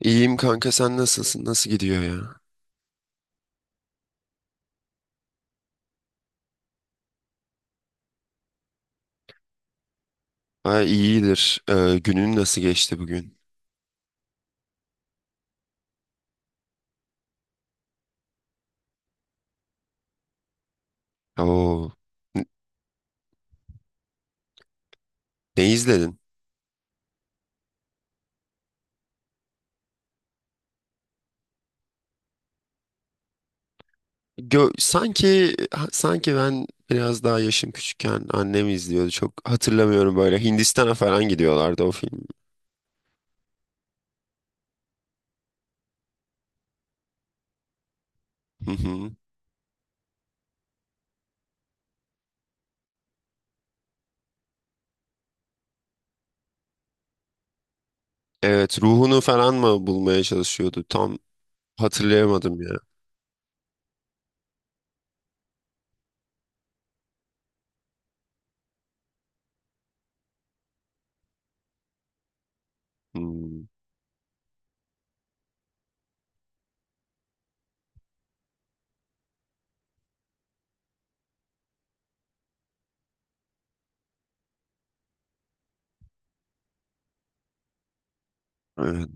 İyiyim kanka sen nasılsın? Nasıl gidiyor ya? Ha iyidir. Günün nasıl geçti bugün? Oo. n- Ne izledin? Sanki ben biraz daha yaşım küçükken annem izliyordu. Çok hatırlamıyorum böyle. Hindistan'a falan gidiyorlardı o film. Hı hı. Evet, ruhunu falan mı bulmaya çalışıyordu? Tam hatırlayamadım ya. Hmm, evet.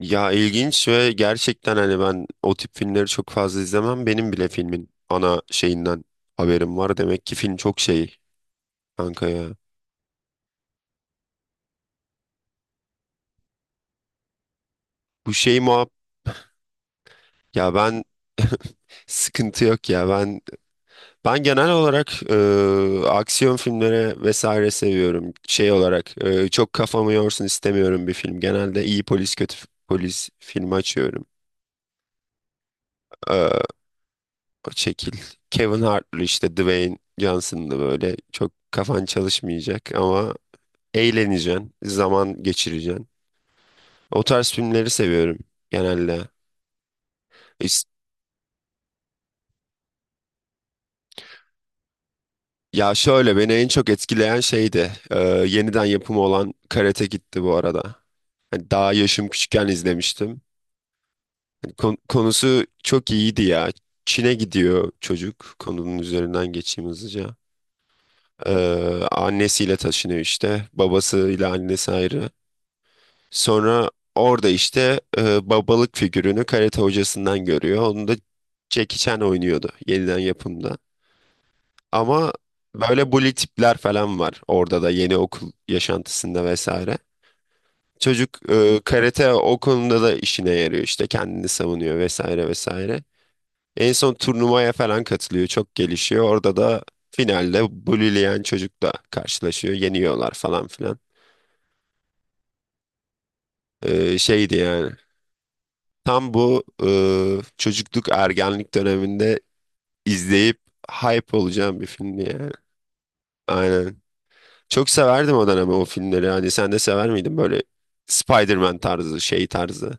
Ya ilginç ve gerçekten hani ben o tip filmleri çok fazla izlemem. Benim bile filmin ana şeyinden haberim var. Demek ki film çok şey kanka ya. Bu şey muhab ya ben sıkıntı yok ya. Ben genel olarak aksiyon filmleri vesaire seviyorum. Şey olarak çok kafamı yorsun istemiyorum bir film. Genelde iyi polis kötü polis filmi açıyorum. E, O şekil. Kevin Hart'lı işte Dwayne Johnson'lı böyle çok kafan çalışmayacak ama eğleneceksin, zaman geçireceksin. O tarz filmleri seviyorum genelde. İs- Ya şöyle beni en çok etkileyen şeydi. Yeniden yapımı olan Karate Kid'ti bu arada. Hani daha yaşım küçükken izlemiştim. Hani konusu çok iyiydi ya. Çin'e gidiyor çocuk. Konunun üzerinden geçeyim hızlıca. E, Annesiyle taşınıyor işte. Babasıyla annesi ayrı. Sonra orada işte babalık figürünü karate hocasından görüyor. Onu da Jackie Chan oynuyordu yeniden yapımda. Ama böyle bully tipler falan var orada da yeni okul yaşantısında vesaire. Çocuk karate o konuda da işine yarıyor işte kendini savunuyor vesaire vesaire. En son turnuvaya falan katılıyor çok gelişiyor. Orada da finalde bullyleyen çocukla karşılaşıyor yeniyorlar falan filan. Şeydi yani. Tam bu çocukluk ergenlik döneminde izleyip hype olacağım bir filmdi yani. Aynen. Çok severdim o dönem o filmleri. Hani sen de sever miydin böyle Spider-Man tarzı, şey tarzı?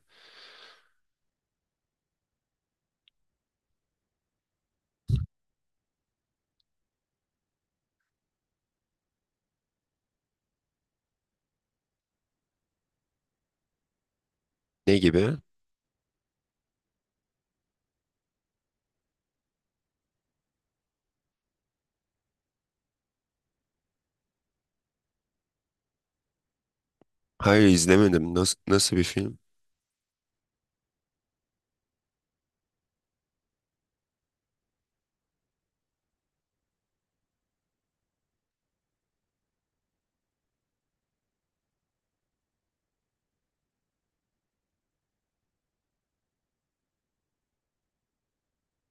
Ne gibi? Hayır izlemedim. Nasıl, nasıl bir film?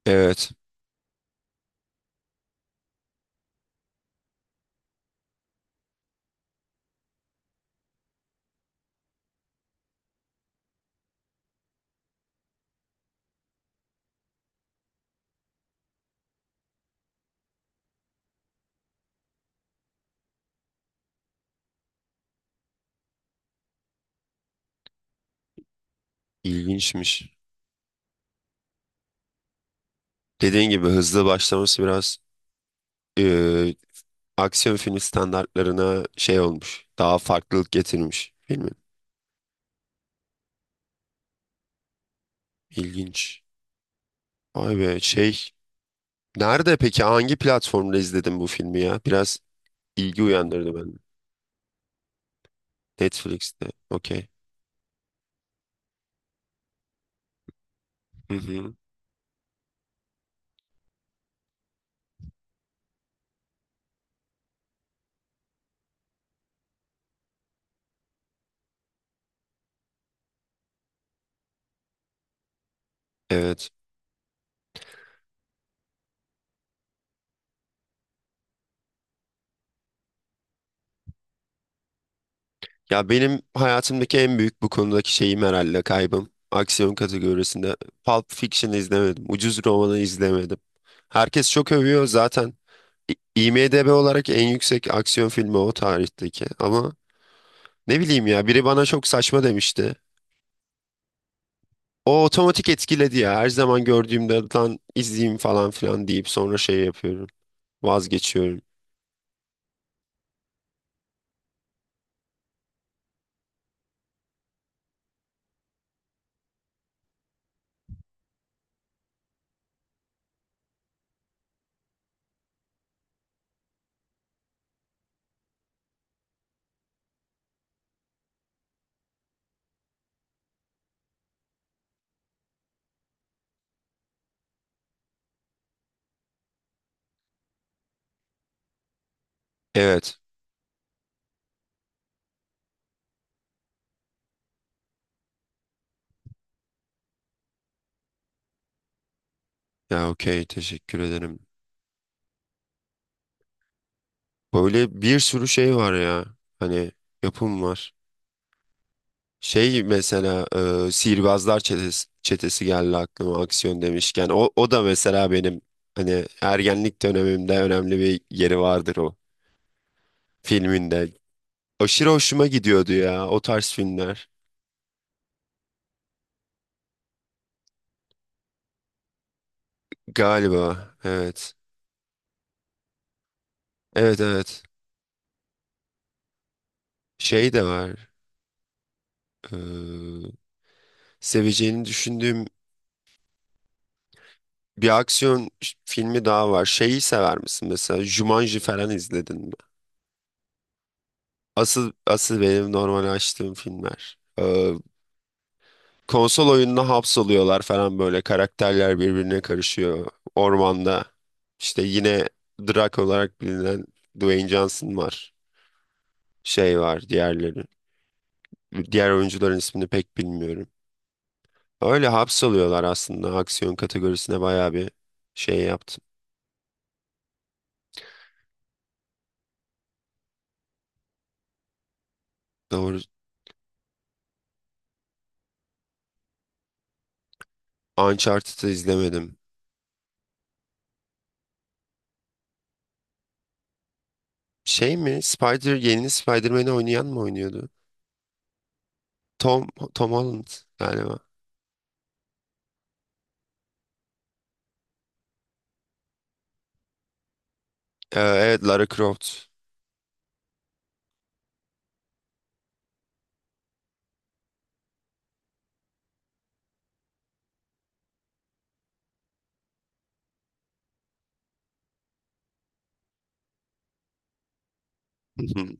Evet, ilginçmiş. Dediğin gibi hızlı başlaması biraz e, aksiyon filmi standartlarına şey olmuş. Daha farklılık getirmiş filmin. İlginç. Vay be şey nerede peki hangi platformda izledin bu filmi ya? Biraz ilgi uyandırdı bende. Netflix'te. Okey. Hı hı. Evet. Ya benim hayatımdaki en büyük bu konudaki şeyim herhalde kaybım. Aksiyon kategorisinde Pulp Fiction izlemedim. Ucuz Roman'ı izlemedim. Herkes çok övüyor zaten. İ- IMDb olarak en yüksek aksiyon filmi o tarihteki. Ama ne bileyim ya biri bana çok saçma demişti. O otomatik etkiledi ya. Her zaman gördüğümde lan izleyeyim falan filan deyip sonra şey yapıyorum. Vazgeçiyorum. Evet. Ya okey teşekkür ederim. Böyle bir sürü şey var ya. Hani yapım var. Şey mesela Sihirbazlar Çetesi, Çetesi geldi aklıma aksiyon demişken. O da mesela benim hani ergenlik dönemimde önemli bir yeri vardır o filminde. Aşırı hoşuma gidiyordu ya o tarz filmler. Galiba evet. Evet evet. Şey de var. eee, Seveceğini düşündüğüm bir aksiyon filmi daha var. Şeyi sever misin mesela? Jumanji falan izledin mi? Asıl asıl benim normal açtığım filmler. Konsol oyununa hapsoluyorlar falan böyle. Karakterler birbirine karışıyor. Ormanda. İşte yine Drake olarak bilinen Dwayne Johnson var. Şey var diğerleri. Diğer oyuncuların ismini pek bilmiyorum. Öyle hapsoluyorlar aslında. Aksiyon kategorisine bayağı bir şey yaptım. Doğru. Uncharted'ı izlemedim. Şey mi? Spider, yeni Spider-Man'i oynayan mı oynuyordu? Tom, Tom Holland galiba. Evet Lara Croft. Hı hı.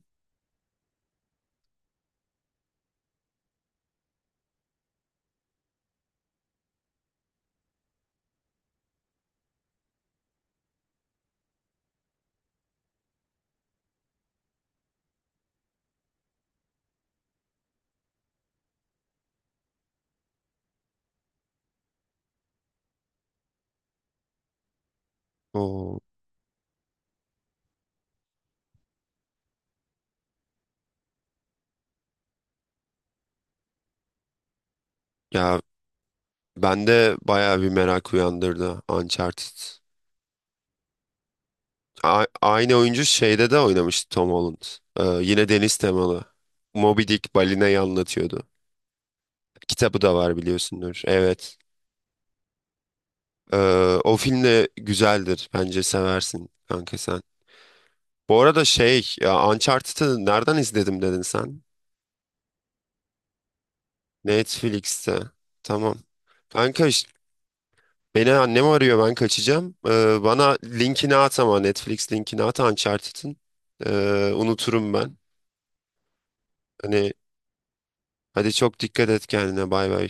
Oo, ya bende bayağı bir merak uyandırdı Uncharted. Aynı oyuncu şeyde de oynamıştı Tom Holland. Yine deniz temalı. Moby Dick balinayı anlatıyordu. Kitabı da var biliyorsundur. Evet. Ee, O film de güzeldir. Bence seversin kanka sen. Bu arada şey, ya Uncharted'ı nereden izledim dedin sen? Netflix'te. Tamam. Kanka beni annem arıyor ben kaçacağım. Bana linkini at ama Netflix linkini at Uncharted'ın. Unuturum ben. Hani hadi çok dikkat et kendine bay bay.